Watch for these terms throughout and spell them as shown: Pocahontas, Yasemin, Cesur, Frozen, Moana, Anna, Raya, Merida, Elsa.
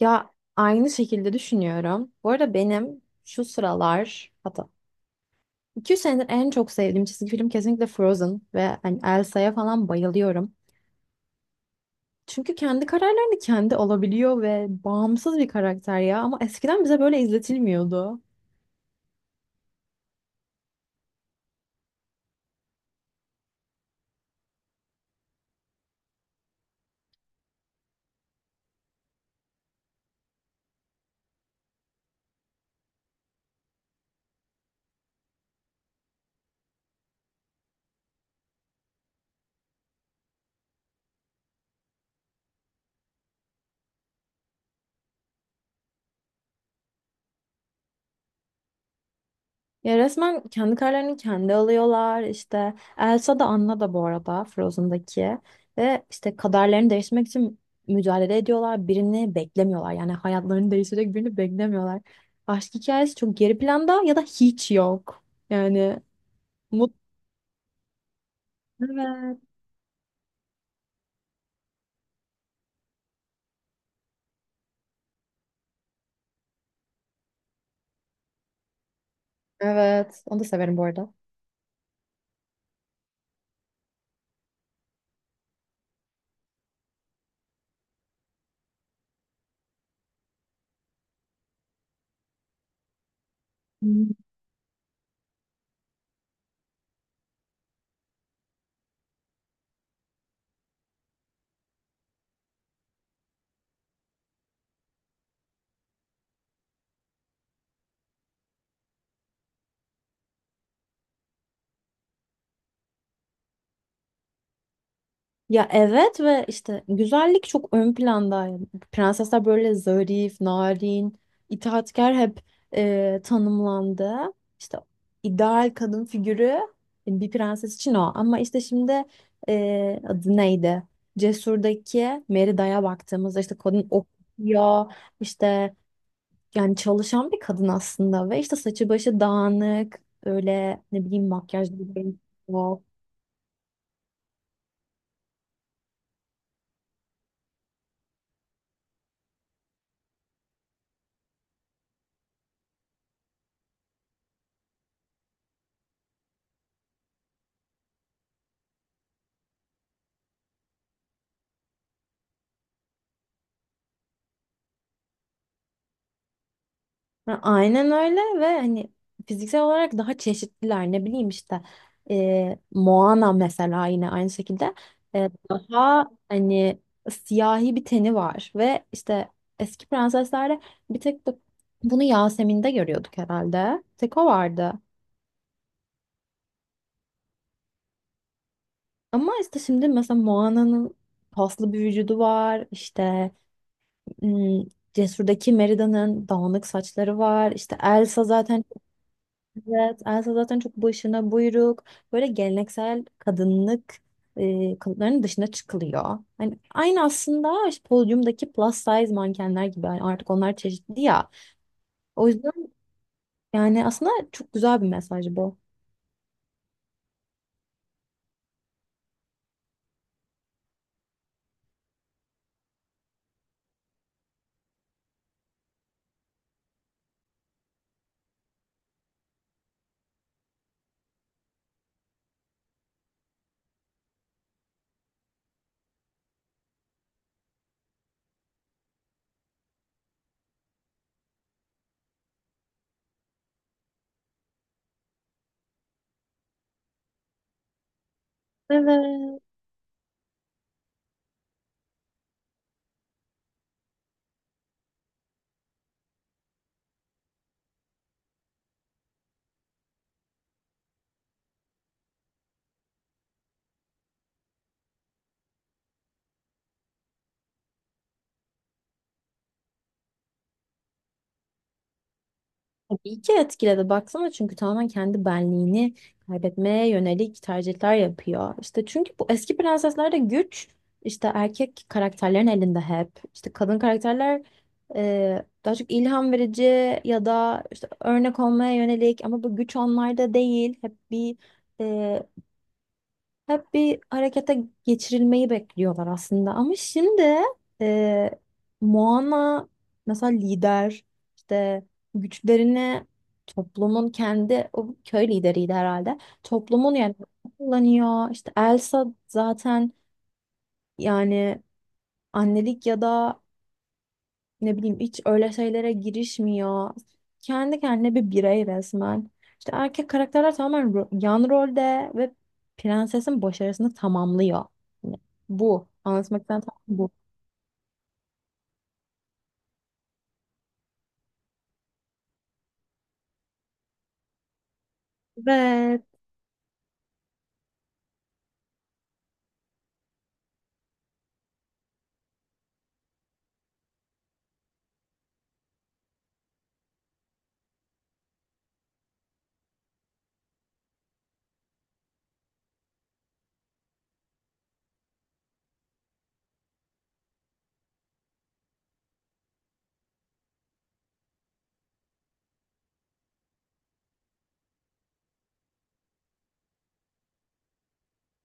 Ya aynı şekilde düşünüyorum. Bu arada benim şu sıralar hatta 2 senedir en çok sevdiğim çizgi film kesinlikle Frozen ve hani Elsa'ya falan bayılıyorum. Çünkü kendi kararlarını kendi alabiliyor ve bağımsız bir karakter ya ama eskiden bize böyle izletilmiyordu. Ya resmen kendi kararlarını kendi alıyorlar. İşte Elsa da Anna da bu arada Frozen'daki. Ve işte kaderlerini değiştirmek için mücadele ediyorlar. Birini beklemiyorlar. Yani hayatlarını değiştirecek birini beklemiyorlar. Aşk hikayesi çok geri planda ya da hiç yok. Yani mutlu. Evet. Evet. Onu da severim bu arada. Ya evet ve işte güzellik çok ön plandaydı. Prensesler böyle zarif, narin, itaatkar hep tanımlandı. İşte ideal kadın figürü bir prenses için o. Ama işte şimdi adı neydi? Cesur'daki Merida'ya baktığımızda işte kadın okuyor, işte yani çalışan bir kadın aslında ve işte saçı başı dağınık, öyle ne bileyim makyajlı bir. Ya aynen öyle ve hani fiziksel olarak daha çeşitliler, ne bileyim işte Moana mesela yine aynı şekilde daha hani siyahi bir teni var ve işte eski prenseslerde bir tek bunu Yasemin'de görüyorduk herhalde, tek o vardı. Ama işte şimdi mesela Moana'nın paslı bir vücudu var işte, hmm, Cesur'daki Merida'nın dağınık saçları var, işte Elsa zaten. Evet, Elsa zaten çok başına buyruk, böyle geleneksel kadınlık kalıplarının dışına çıkılıyor. Hani aynı aslında işte podyumdaki plus size mankenler gibi. Yani artık onlar çeşitli ya. O yüzden yani aslında çok güzel bir mesaj bu. Evet. Tabii ki etkiledi. Baksana çünkü tamamen kendi benliğini kaybetmeye yönelik tercihler yapıyor. İşte çünkü bu eski prenseslerde güç işte erkek karakterlerin elinde hep. İşte kadın karakterler daha çok ilham verici ya da işte örnek olmaya yönelik, ama bu güç onlarda değil. Hep bir harekete geçirilmeyi bekliyorlar aslında. Ama şimdi e, Moana mesela lider, işte güçlerini toplumun kendi o köy lideriydi herhalde. Toplumun yani kullanıyor. İşte Elsa zaten yani annelik ya da ne bileyim hiç öyle şeylere girişmiyor. Kendi kendine bir birey resmen. İşte erkek karakterler tamamen yan rolde ve prensesin başarısını tamamlıyor. Yani bu anlatmaktan tam bu. Evet.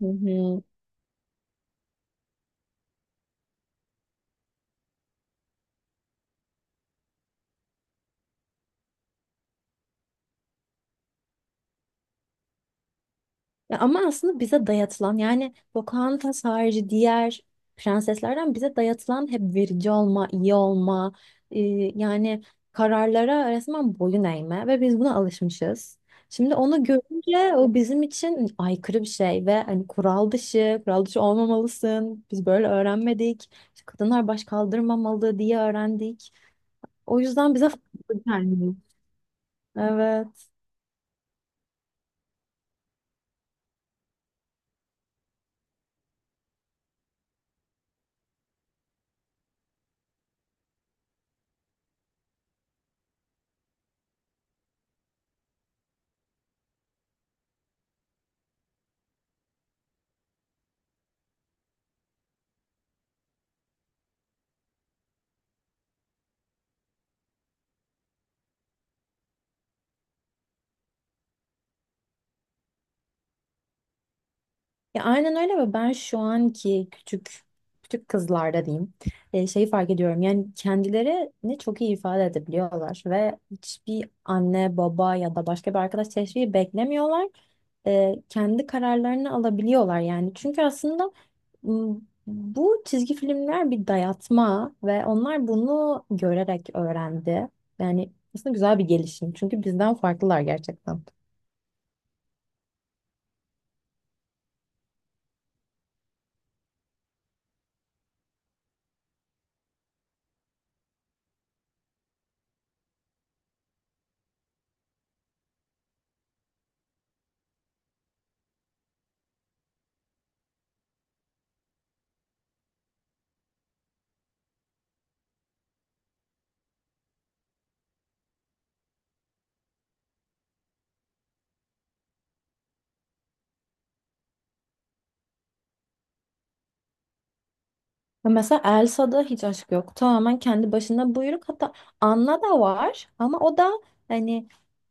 Hı hı. Ya ama aslında bize dayatılan, yani Pocahontas harici diğer prenseslerden bize dayatılan hep verici olma, iyi olma, e, yani kararlara resmen boyun eğme ve biz buna alışmışız. Şimdi onu görünce o bizim için aykırı bir şey ve hani kural dışı, kural dışı olmamalısın. Biz böyle öğrenmedik. İşte kadınlar baş kaldırmamalı diye öğrendik. O yüzden bize farklı gelmiyor. Evet. Ya aynen öyle ve ben şu anki küçük kızlarda diyeyim, şeyi fark ediyorum, yani kendilerini çok iyi ifade edebiliyorlar ve hiçbir anne baba ya da başka bir arkadaş teşviki beklemiyorlar. E, kendi kararlarını alabiliyorlar yani, çünkü aslında m, bu çizgi filmler bir dayatma ve onlar bunu görerek öğrendi. Yani aslında güzel bir gelişim çünkü bizden farklılar gerçekten. Ya mesela Elsa'da hiç aşk yok. Tamamen kendi başına buyruk. Hatta Anna da var ama o da hani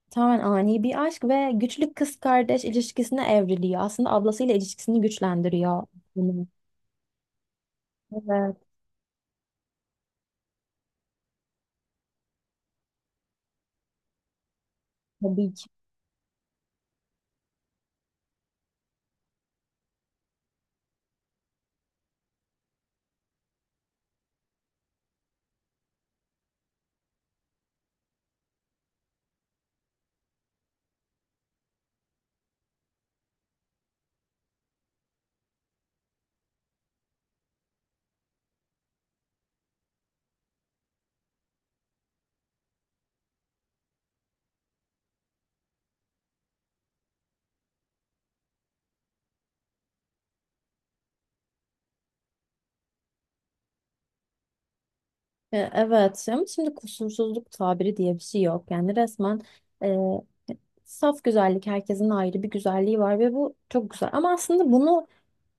tamamen ani bir aşk ve güçlü kız kardeş ilişkisine evriliyor. Aslında ablasıyla ilişkisini güçlendiriyor. Bunun. Evet, tabii ki. E, evet, ama şimdi kusursuzluk tabiri diye bir şey yok. Yani resmen e, saf güzellik, herkesin ayrı bir güzelliği var ve bu çok güzel. Ama aslında bunu,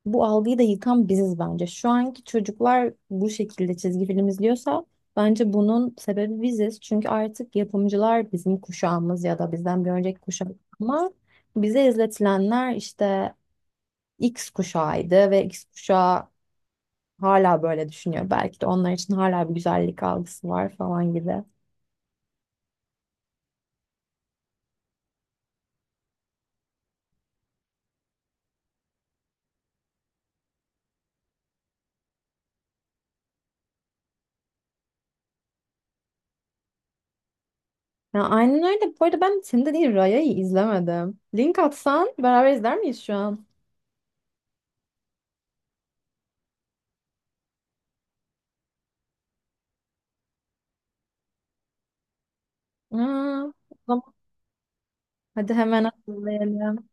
bu algıyı da yıkan biziz bence. Şu anki çocuklar bu şekilde çizgi film izliyorsa bence bunun sebebi biziz. Çünkü artık yapımcılar bizim kuşağımız ya da bizden bir önceki kuşak, ama bize izletilenler işte X kuşağıydı ve X kuşağı hala böyle düşünüyor. Belki de onlar için hala bir güzellik algısı var falan gibi. Ya aynen öyle. Bu arada ben senin dediğin Raya'yı izlemedim. Link atsan beraber izler miyiz şu an? Aa, tamam. Hadi hemen atlayalım.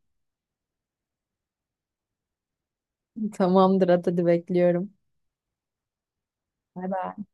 Tamamdır, hadi bekliyorum. Bay bay.